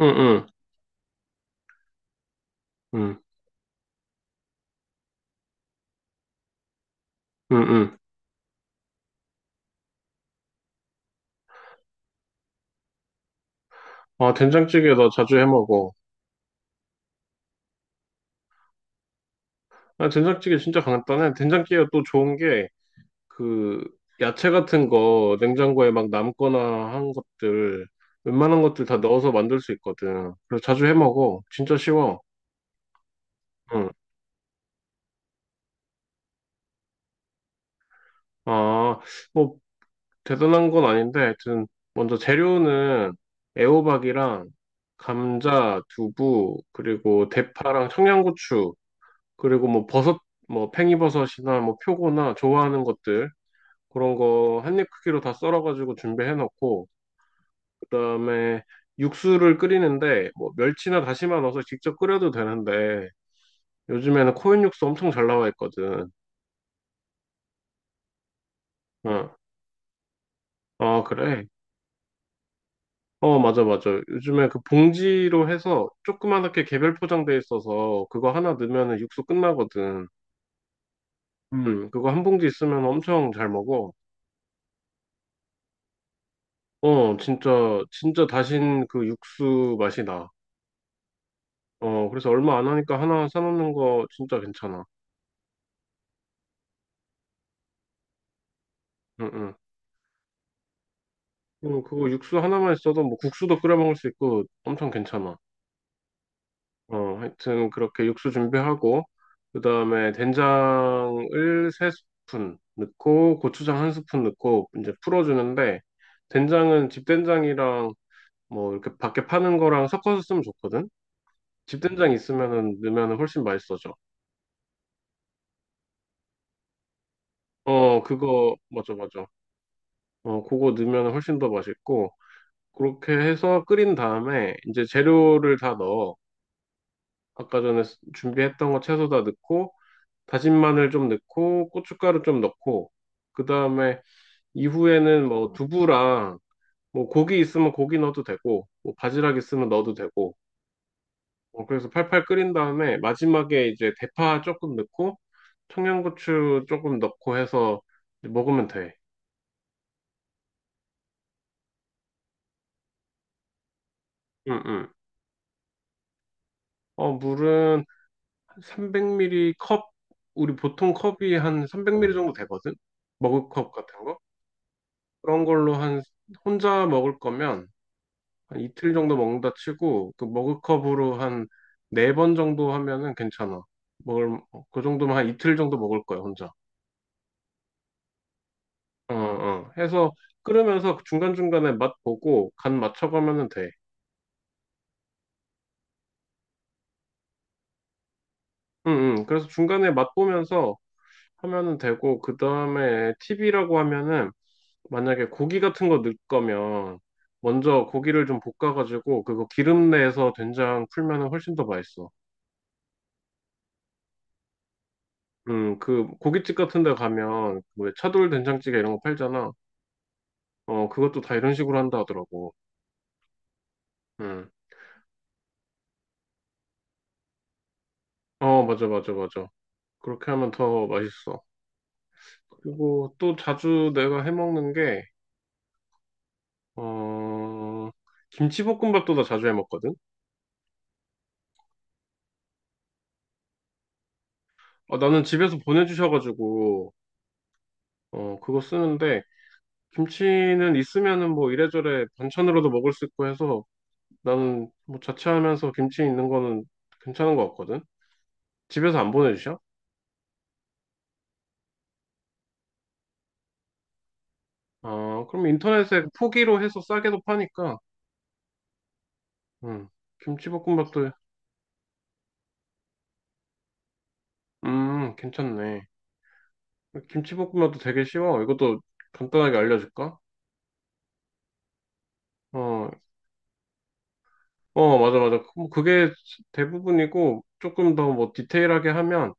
응, 응, 응, 응, 응. 아, 된장찌개 나 자주 해 먹어. 아, 된장찌개 진짜 간단해. 된장찌개가 또 좋은 게, 그, 야채 같은 거 냉장고에 막 남거나 한 것들, 웬만한 것들 다 넣어서 만들 수 있거든. 그래서 자주 해 먹어. 진짜 쉬워. 응. 아, 뭐, 대단한 건 아닌데, 하여튼, 먼저 재료는 애호박이랑 감자, 두부, 그리고 대파랑 청양고추, 그리고 뭐 버섯, 뭐 팽이버섯이나 뭐 표고나 좋아하는 것들 그런 거 한입 크기로 다 썰어가지고 준비해 놓고 그다음에 육수를 끓이는데 뭐 멸치나 다시마 넣어서 직접 끓여도 되는데 요즘에는 코인 육수 엄청 잘 나와 있거든. 어, 아 그래? 어 맞아, 맞아. 요즘에 그 봉지로 해서 조그맣게 개별 포장돼 있어서 그거 하나 넣으면 육수 끝나거든. 그거 한 봉지 있으면 엄청 잘 먹어. 어, 진짜, 진짜 다신 그 육수 맛이 나. 어, 그래서 얼마 안 하니까 하나 사놓는 거 진짜 괜찮아. 응, 응. 그거 육수 하나만 있어도 뭐 국수도 끓여 먹을 수 있고 엄청 괜찮아. 어, 하여튼 그렇게 육수 준비하고, 그 다음에 된장을 세 스푼 넣고, 고추장 한 스푼 넣고, 이제 풀어주는데, 된장은 집된장이랑 뭐 이렇게 밖에 파는 거랑 섞어서 쓰면 좋거든? 집된장 있으면은 넣으면 훨씬 맛있어져. 어, 그거, 맞아, 맞아. 어, 그거 넣으면 훨씬 더 맛있고, 그렇게 해서 끓인 다음에 이제 재료를 다 넣어. 아까 전에 준비했던 거 채소 다 넣고, 다진 마늘 좀 넣고, 고춧가루 좀 넣고, 그 다음에 이후에는 뭐 두부랑 뭐 고기 있으면 고기 넣어도 되고, 뭐 바지락 있으면 넣어도 되고, 어, 그래서 팔팔 끓인 다음에 마지막에 이제 대파 조금 넣고, 청양고추 조금 넣고 해서 이제 먹으면 돼. 응, 응. 어, 물은 300ml 컵, 우리 보통 컵이 한 300ml 정도 되거든? 먹을 컵 같은 거? 그런 걸로 한, 혼자 먹을 거면 한 이틀 정도 먹는다 치고, 그 먹을 컵으로 한 네 번 정도 하면은 괜찮아. 먹을, 그 정도면 한 이틀 정도 먹을 거야, 혼자. 어, 어. 해서 끓으면서 중간중간에 맛 보고 간 맞춰가면은 돼. 응, 응. 그래서 중간에 맛 보면서 하면은 되고, 그 다음에 팁이라고 하면은 만약에 고기 같은 거 넣을 거면 먼저 고기를 좀 볶아가지고 그거 기름 내서 된장 풀면은 훨씬 더 맛있어. 그 고깃집 같은 데 가면 왜 차돌 된장찌개 이런 거 팔잖아. 어, 그것도 다 이런 식으로 한다 하더라고. 음. 어, 맞아, 맞아, 맞아. 그렇게 하면 더 맛있어. 그리고 또 자주 내가 해 먹는 게, 어, 김치볶음밥도 나 자주 해 먹거든? 어, 나는 집에서 보내주셔가지고, 어, 그거 쓰는데, 김치는 있으면은 뭐 이래저래 반찬으로도 먹을 수 있고 해서 나는 뭐 자취하면서 김치 있는 거는 괜찮은 것 같거든. 집에서 안 보내주셔? 아, 그럼 인터넷에 포기로 해서 싸게도 파니까, 음, 김치볶음밥도, 괜찮네. 김치볶음밥도 되게 쉬워. 이것도 간단하게 알려줄까? 어, 어, 맞아, 맞아. 그, 뭐 그게 대부분이고, 조금 더 뭐 디테일하게 하면,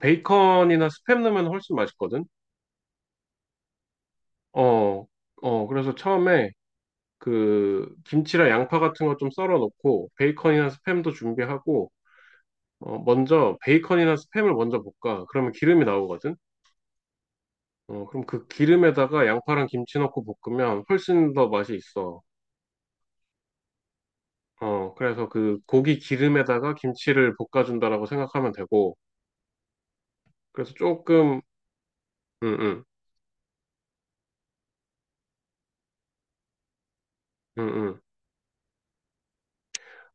베이컨이나 스팸 넣으면 훨씬 맛있거든? 어, 어, 그래서 처음에 그 김치랑 양파 같은 거 좀 썰어 놓고 베이컨이나 스팸도 준비하고 어, 먼저 베이컨이나 스팸을 먼저 볶아. 그러면 기름이 나오거든. 어, 그럼 그 기름에다가 양파랑 김치 넣고 볶으면 훨씬 더 맛이 있어. 어, 그래서 그 고기 기름에다가 김치를 볶아준다라고 생각하면 되고. 그래서 조금 응응응응.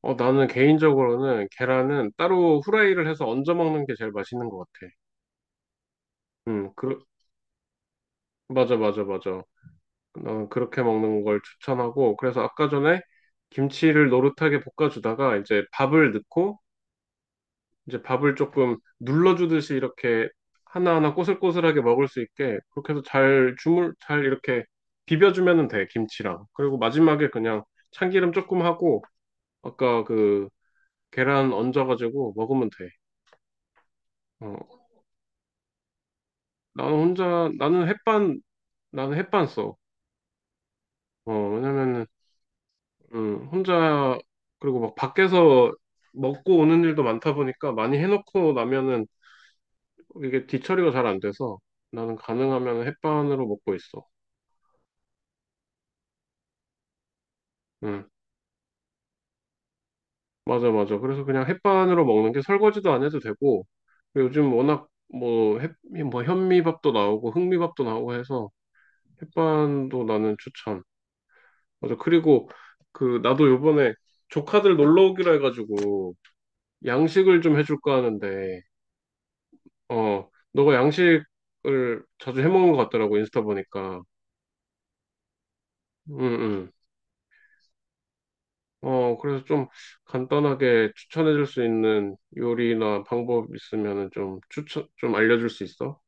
어, 나는 개인적으로는 계란은 따로 후라이를 해서 얹어 먹는 게 제일 맛있는 것 같아. 응. 그, 맞아, 맞아, 맞아. 어, 그렇게 먹는 걸 추천하고, 그래서 아까 전에 김치를 노릇하게 볶아주다가 이제 밥을 넣고, 이제 밥을 조금 눌러주듯이 이렇게 하나하나 꼬슬꼬슬하게 먹을 수 있게, 그렇게 해서 잘 이렇게 비벼주면 돼, 김치랑. 그리고 마지막에 그냥 참기름 조금 하고, 아까 그 계란 얹어가지고 먹으면 돼. 어, 나는 혼자, 나는 햇반, 나는 햇반 써. 어, 왜냐면은 혼자, 그리고 막 밖에서 먹고 오는 일도 많다 보니까 많이 해놓고 나면은 이게 뒤처리가 잘 안 돼서 나는 가능하면 햇반으로 먹고 있어. 음, 맞아, 맞아. 그래서 그냥 햇반으로 먹는 게 설거지도 안 해도 되고, 그리고 요즘 워낙 뭐, 뭐 현미밥도 나오고 흑미밥도 나오고 해서 햇반도 나는 추천. 맞아. 그리고 그, 나도 요번에 조카들 놀러 오기로 해가지고 양식을 좀 해줄까 하는데, 어, 너가 양식을 자주 해먹는 것 같더라고, 인스타 보니까. 응, 응. 어, 그래서 좀 간단하게 추천해줄 수 있는 요리나 방법 있으면은 좀 추천, 좀 알려줄 수 있어?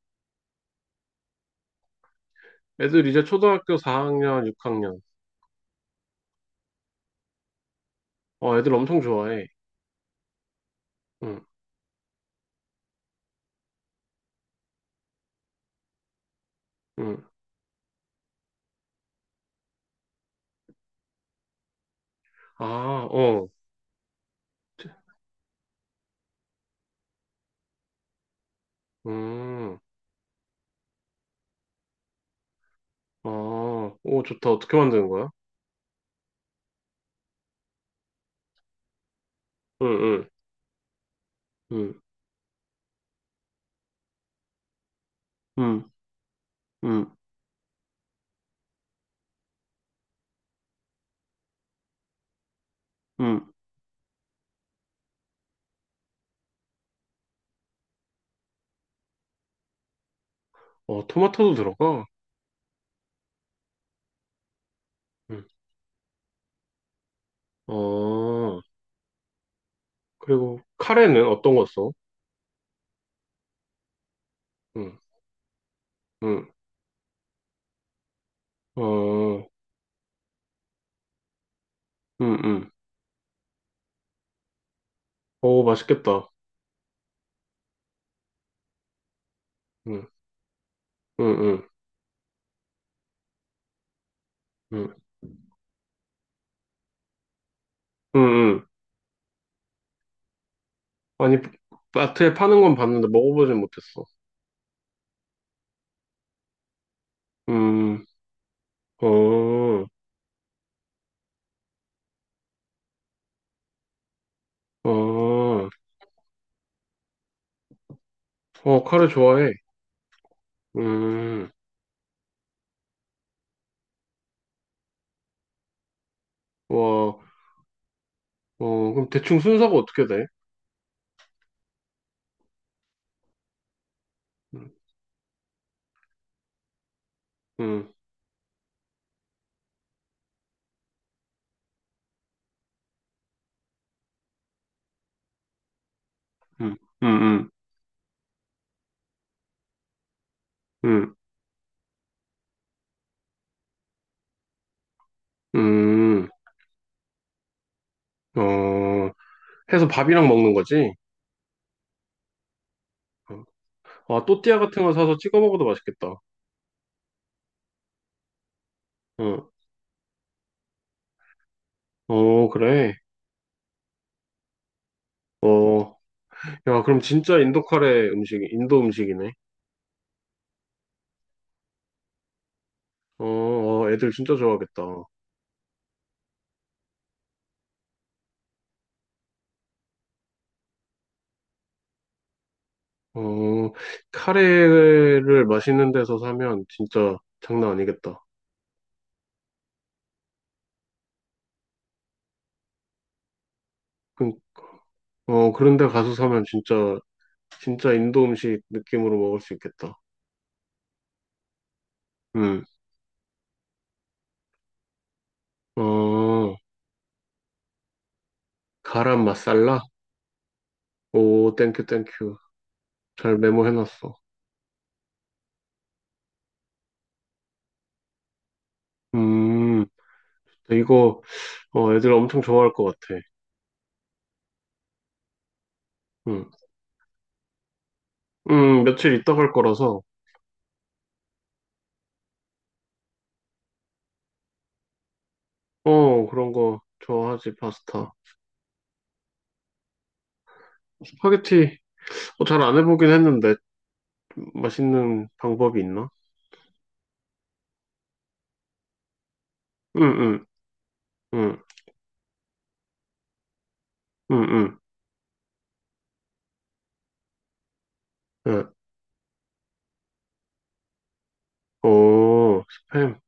애들 이제 초등학교 4학년, 6학년. 어, 애들 엄청 좋아해. 응, 응. 아, 어. 음, 아, 오, 좋다. 어떻게 만드는 거야? 응, 응, 응, 응, 응, 응. 어, 토마토도 들어가? 응. 어, 그리고 카레는 어떤 거 써? 응, 응, 어, 응, 응. 오, 맛있겠다. 응, 응, 응, 응, 응, 응. 아니, 마트에 파는 건 봤는데 먹어보진 못했어. 음, 어, 어, 어, 카레 좋아해. 음, 와, 어, 그럼 대충 순서가 어떻게 돼? 응, 응, 응, 응, 응, 응, 어, 해서 밥이랑 먹는 거지? 어, 아, 또띠아 같은 거 사서 찍어 먹어도 맛있겠다. 응, 어, 그래. 어, 야, 그럼 진짜 인도 음식이네. 어, 어, 애들 진짜 좋아하겠다. 어, 카레를 맛있는 데서 사면 진짜 장난 아니겠다. 그, 어, 그런 데 가서 사면 진짜 인도 음식 느낌으로 먹을 수 있겠다. 음, 어, 가람 마살라? 오, 땡큐, 땡큐. 잘 메모해놨어. 음, 이거, 어, 애들 엄청 좋아할 것 같아. 음, 며칠 있다 갈 거라서, 어, 그런 거 좋아하지, 파스타. 스파게티 어, 잘안 해보긴 했는데 맛있는 방법이 있나? 응응응응응 응. 응. 응, 응. 예. 오 스팸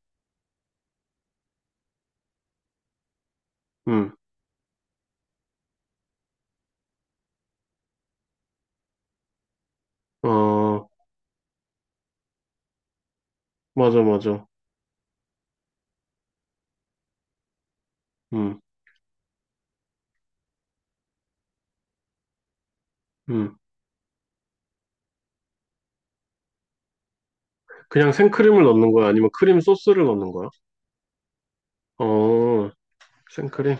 응어 맞아 맞아 응응 그냥 생크림을 넣는 거야? 아니면 크림 소스를 넣는 거야? 어 생크림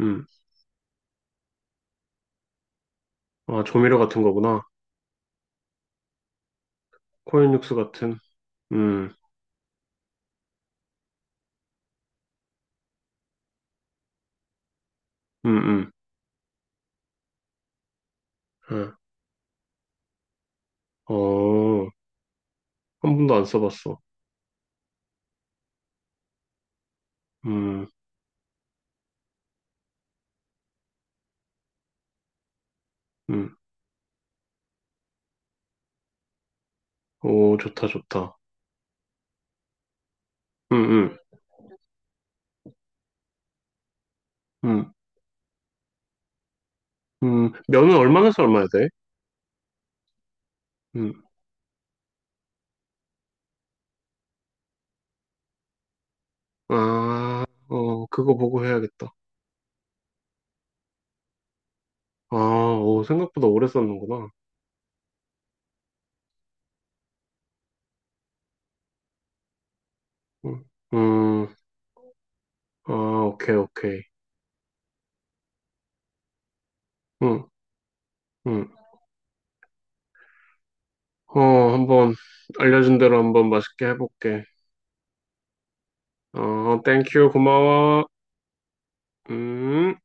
응응응아 조미료 같은 거구나 코인 육수 같은 응응응 어한 번도 안 써봤어 응응오 좋다 좋다 응 응응 응 면은 얼마에서 얼마야 돼? 음, 아, 어, 그거 보고 해야겠다. 아, 오, 생각보다 오래 썼는구나. 음, 음, 아, 오케이, 오케이. 음, 음, 어, 한번 알려준 대로 한번 맛있게 해볼게. 어, 땡큐, 고마워. 음.